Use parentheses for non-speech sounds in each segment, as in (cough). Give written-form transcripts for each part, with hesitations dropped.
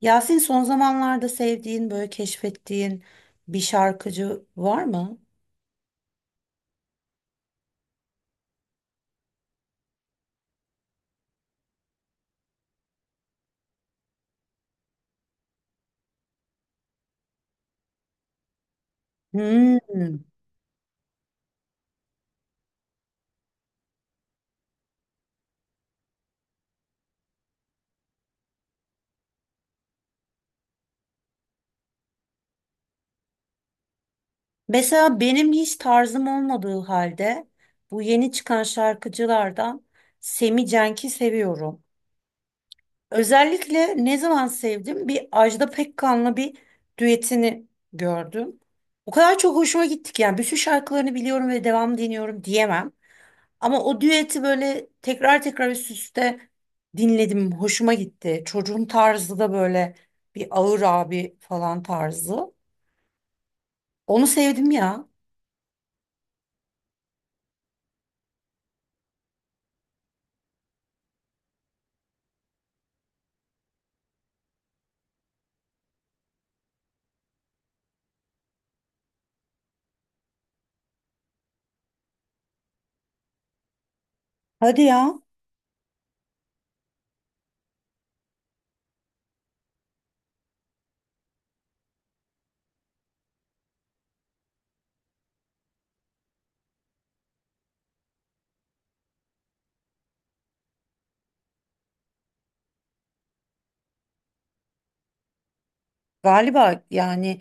Yasin son zamanlarda sevdiğin, böyle keşfettiğin bir şarkıcı var mı? Hmm. Mesela benim hiç tarzım olmadığı halde bu yeni çıkan şarkıcılardan Semi Cenk'i seviyorum. Özellikle ne zaman sevdim? Bir Ajda Pekkan'la bir düetini gördüm. O kadar çok hoşuma gitti ki yani bütün şarkılarını biliyorum ve devam dinliyorum diyemem. Ama o düeti böyle tekrar tekrar üst üste dinledim. Hoşuma gitti. Çocuğun tarzı da böyle bir ağır abi falan tarzı. Onu sevdim ya. Hadi ya. Galiba yani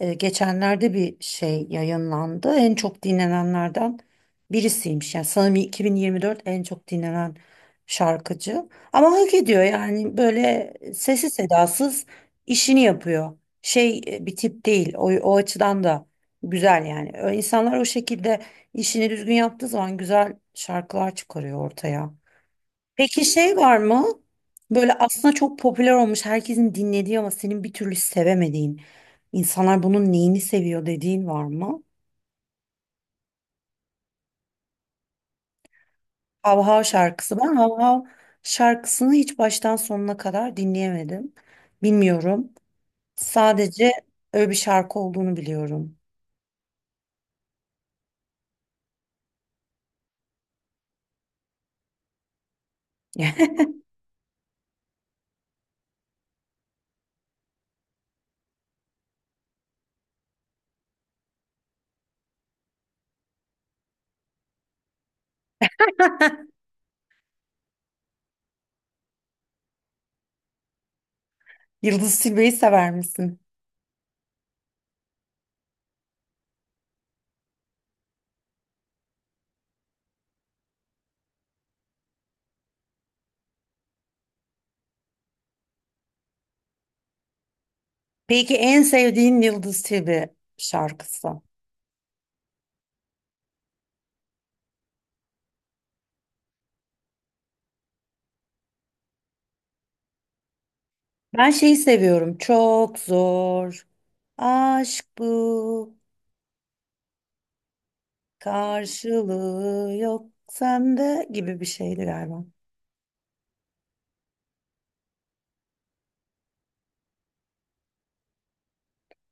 Geçenlerde bir şey yayınlandı. En çok dinlenenlerden birisiymiş. Yani sanırım 2024 en çok dinlenen şarkıcı. Ama hak ediyor yani böyle sessiz sedasız işini yapıyor. Şey bir tip değil. O açıdan da güzel yani. İnsanlar o şekilde işini düzgün yaptığı zaman güzel şarkılar çıkarıyor ortaya. Peki şey var mı? Böyle aslında çok popüler olmuş, herkesin dinlediği ama senin bir türlü sevemediğin, insanlar bunun neyini seviyor dediğin var mı? Hav Hav şarkısı. Ben Hav Hav şarkısını hiç baştan sonuna kadar dinleyemedim. Bilmiyorum. Sadece öyle bir şarkı olduğunu biliyorum. (laughs) Yıldız Tilbe'yi sever misin? Peki en sevdiğin Yıldız Tilbe şarkısı? Ben şeyi seviyorum. Çok zor. Aşk bu. Karşılığı yok sende gibi bir şeydi galiba.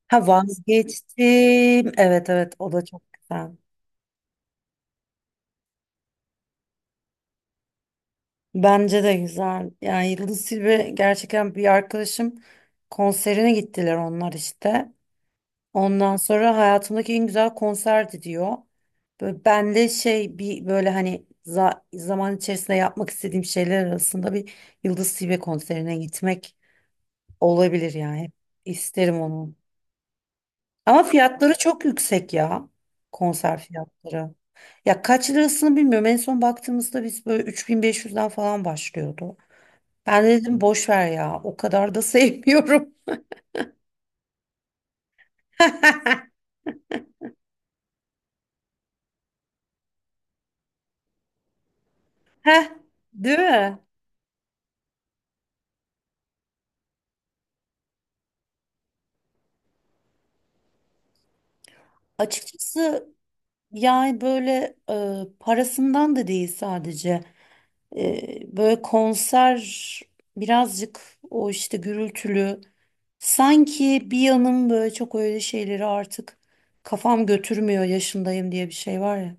Ha vazgeçtim. Evet, evet, o da çok güzel. Bence de güzel. Yani Yıldız Tilbe gerçekten bir arkadaşım konserine gittiler onlar işte. Ondan sonra hayatımdaki en güzel konserdi diyor. Böyle ben de şey bir böyle hani zaman içerisinde yapmak istediğim şeyler arasında bir Yıldız Tilbe konserine gitmek olabilir yani. Hep isterim onu. Ama fiyatları çok yüksek ya. Konser fiyatları. Ya kaç lirasını bilmiyorum. En son baktığımızda biz böyle 3500'den falan başlıyordu. Ben de dedim boş ver ya. O kadar da sevmiyorum. (laughs) Heh, değil mi? Açıkçası yani böyle parasından da değil sadece. Böyle konser birazcık o işte gürültülü. Sanki bir yanım böyle çok öyle şeyleri artık kafam götürmüyor yaşındayım diye bir şey var ya.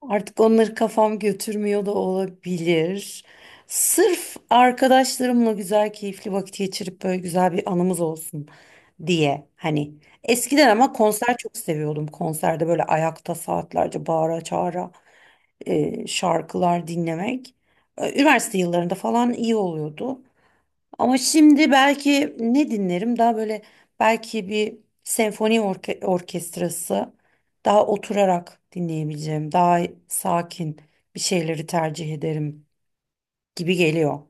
Artık onları kafam götürmüyor da olabilir. Sırf arkadaşlarımla güzel, keyifli vakit geçirip böyle güzel bir anımız olsun diye. Hani eskiden ama konser çok seviyordum. Konserde böyle ayakta saatlerce bağıra çağıra şarkılar dinlemek. Üniversite yıllarında falan iyi oluyordu. Ama şimdi belki ne dinlerim? Daha böyle belki bir senfoni orkestrası daha oturarak dinleyebileceğim, daha sakin bir şeyleri tercih ederim gibi geliyor.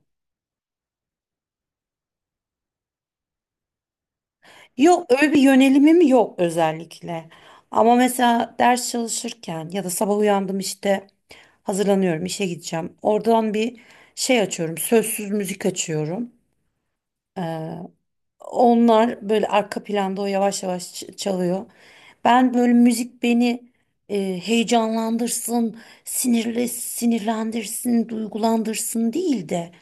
Yok öyle bir yönelimim yok özellikle. Ama mesela ders çalışırken ya da sabah uyandım işte hazırlanıyorum işe gideceğim. Oradan bir şey açıyorum, sözsüz müzik açıyorum. Onlar böyle arka planda o yavaş yavaş çalıyor. Ben böyle müzik beni heyecanlandırsın, sinirle sinirlendirsin, duygulandırsın değil de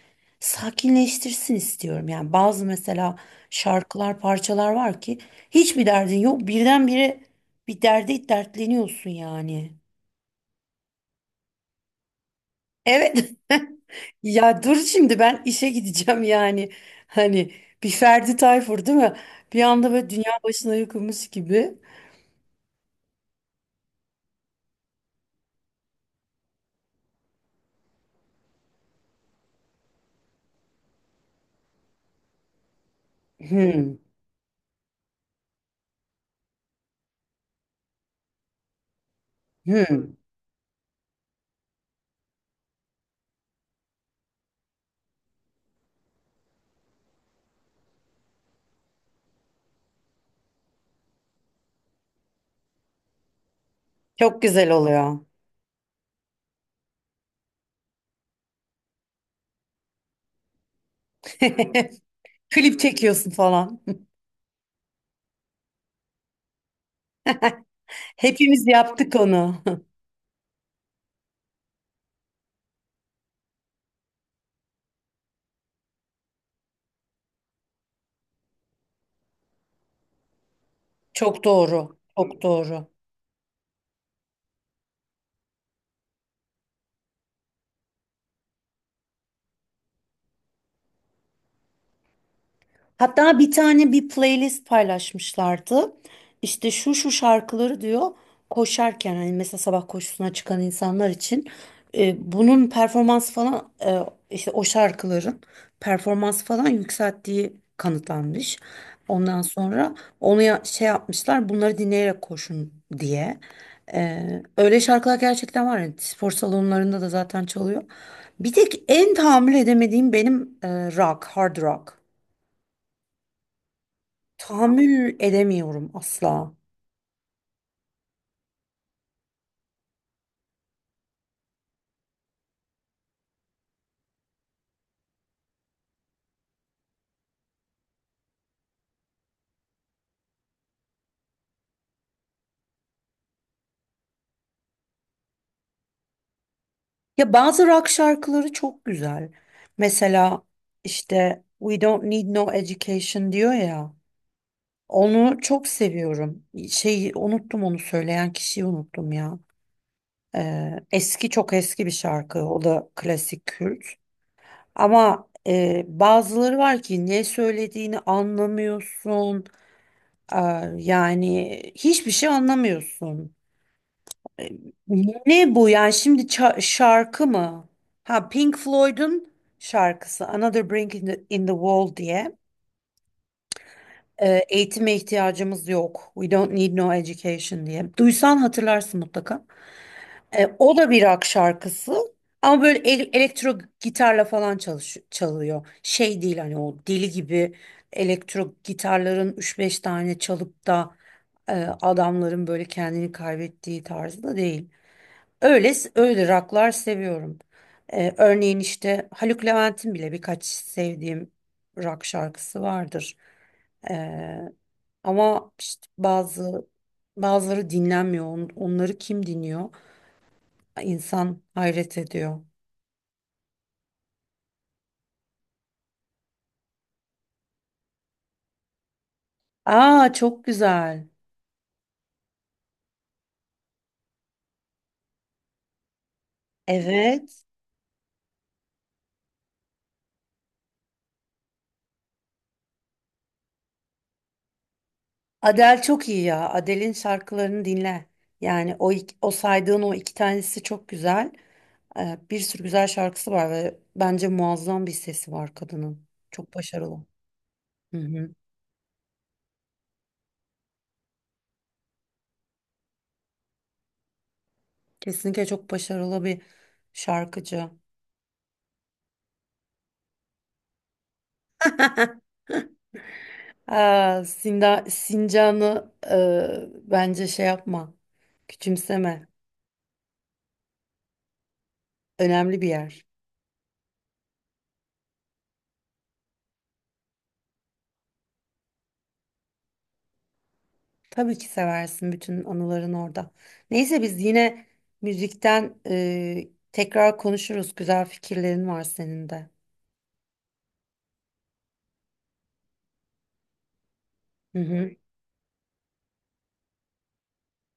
sakinleştirsin istiyorum. Yani bazı mesela şarkılar, parçalar var ki hiçbir derdin yok. Birdenbire bir derde dertleniyorsun yani. Evet. (laughs) Ya dur şimdi ben işe gideceğim yani. Hani bir Ferdi Tayfur değil mi? Bir anda böyle dünya başına yıkılmış gibi. Hmm, hmm. Çok güzel oluyor. (laughs) Klip çekiyorsun falan. (laughs) Hepimiz yaptık onu. (laughs) Çok doğru. Çok doğru. Hatta bir tane bir playlist paylaşmışlardı. İşte şu şu şarkıları diyor koşarken hani mesela sabah koşusuna çıkan insanlar için bunun performans falan işte o şarkıların performans falan yükselttiği kanıtlanmış. Ondan sonra onu şey yapmışlar bunları dinleyerek koşun diye. E, öyle şarkılar gerçekten var. Yani spor salonlarında da zaten çalıyor. Bir tek en tahammül edemediğim benim rock, hard rock. Tahammül edemiyorum asla. Ya bazı rock şarkıları çok güzel. Mesela işte We Don't Need No Education diyor ya. Onu çok seviyorum. Şeyi unuttum onu söyleyen kişiyi unuttum ya. Eski çok eski bir şarkı. O da klasik Kürt. Ama bazıları var ki ne söylediğini anlamıyorsun. Aa, yani hiçbir şey anlamıyorsun. E, Ne bu yani şimdi şarkı mı? Ha Pink Floyd'un şarkısı Another Brick in the Wall diye. Eğitime ihtiyacımız yok. We don't need no education diye. Duysan hatırlarsın mutlaka. O da bir rock şarkısı. Ama böyle elektro gitarla falan çalış çalıyor. Şey değil hani o deli gibi elektro gitarların üç beş tane çalıp da e, adamların böyle kendini kaybettiği tarzda değil. Öyle öyle rocklar seviyorum. Örneğin işte Haluk Levent'in bile birkaç sevdiğim rock şarkısı vardır. Ee, ama işte bazıları dinlenmiyor. Onları kim dinliyor? İnsan hayret ediyor. Aa çok güzel. Evet. Adele çok iyi ya. Adele'in şarkılarını dinle. Yani o o saydığın o iki tanesi çok güzel. Bir sürü güzel şarkısı var ve bence muazzam bir sesi var kadının. Çok başarılı. Hı hı. Kesinlikle çok başarılı bir şarkıcı. (laughs) Aa, Sincan'ı bence şey yapma. Küçümseme. Önemli bir yer. Tabii ki seversin bütün anıların orada. Neyse biz yine müzikten tekrar konuşuruz. Güzel fikirlerin var senin de. Hı hı,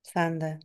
sen de.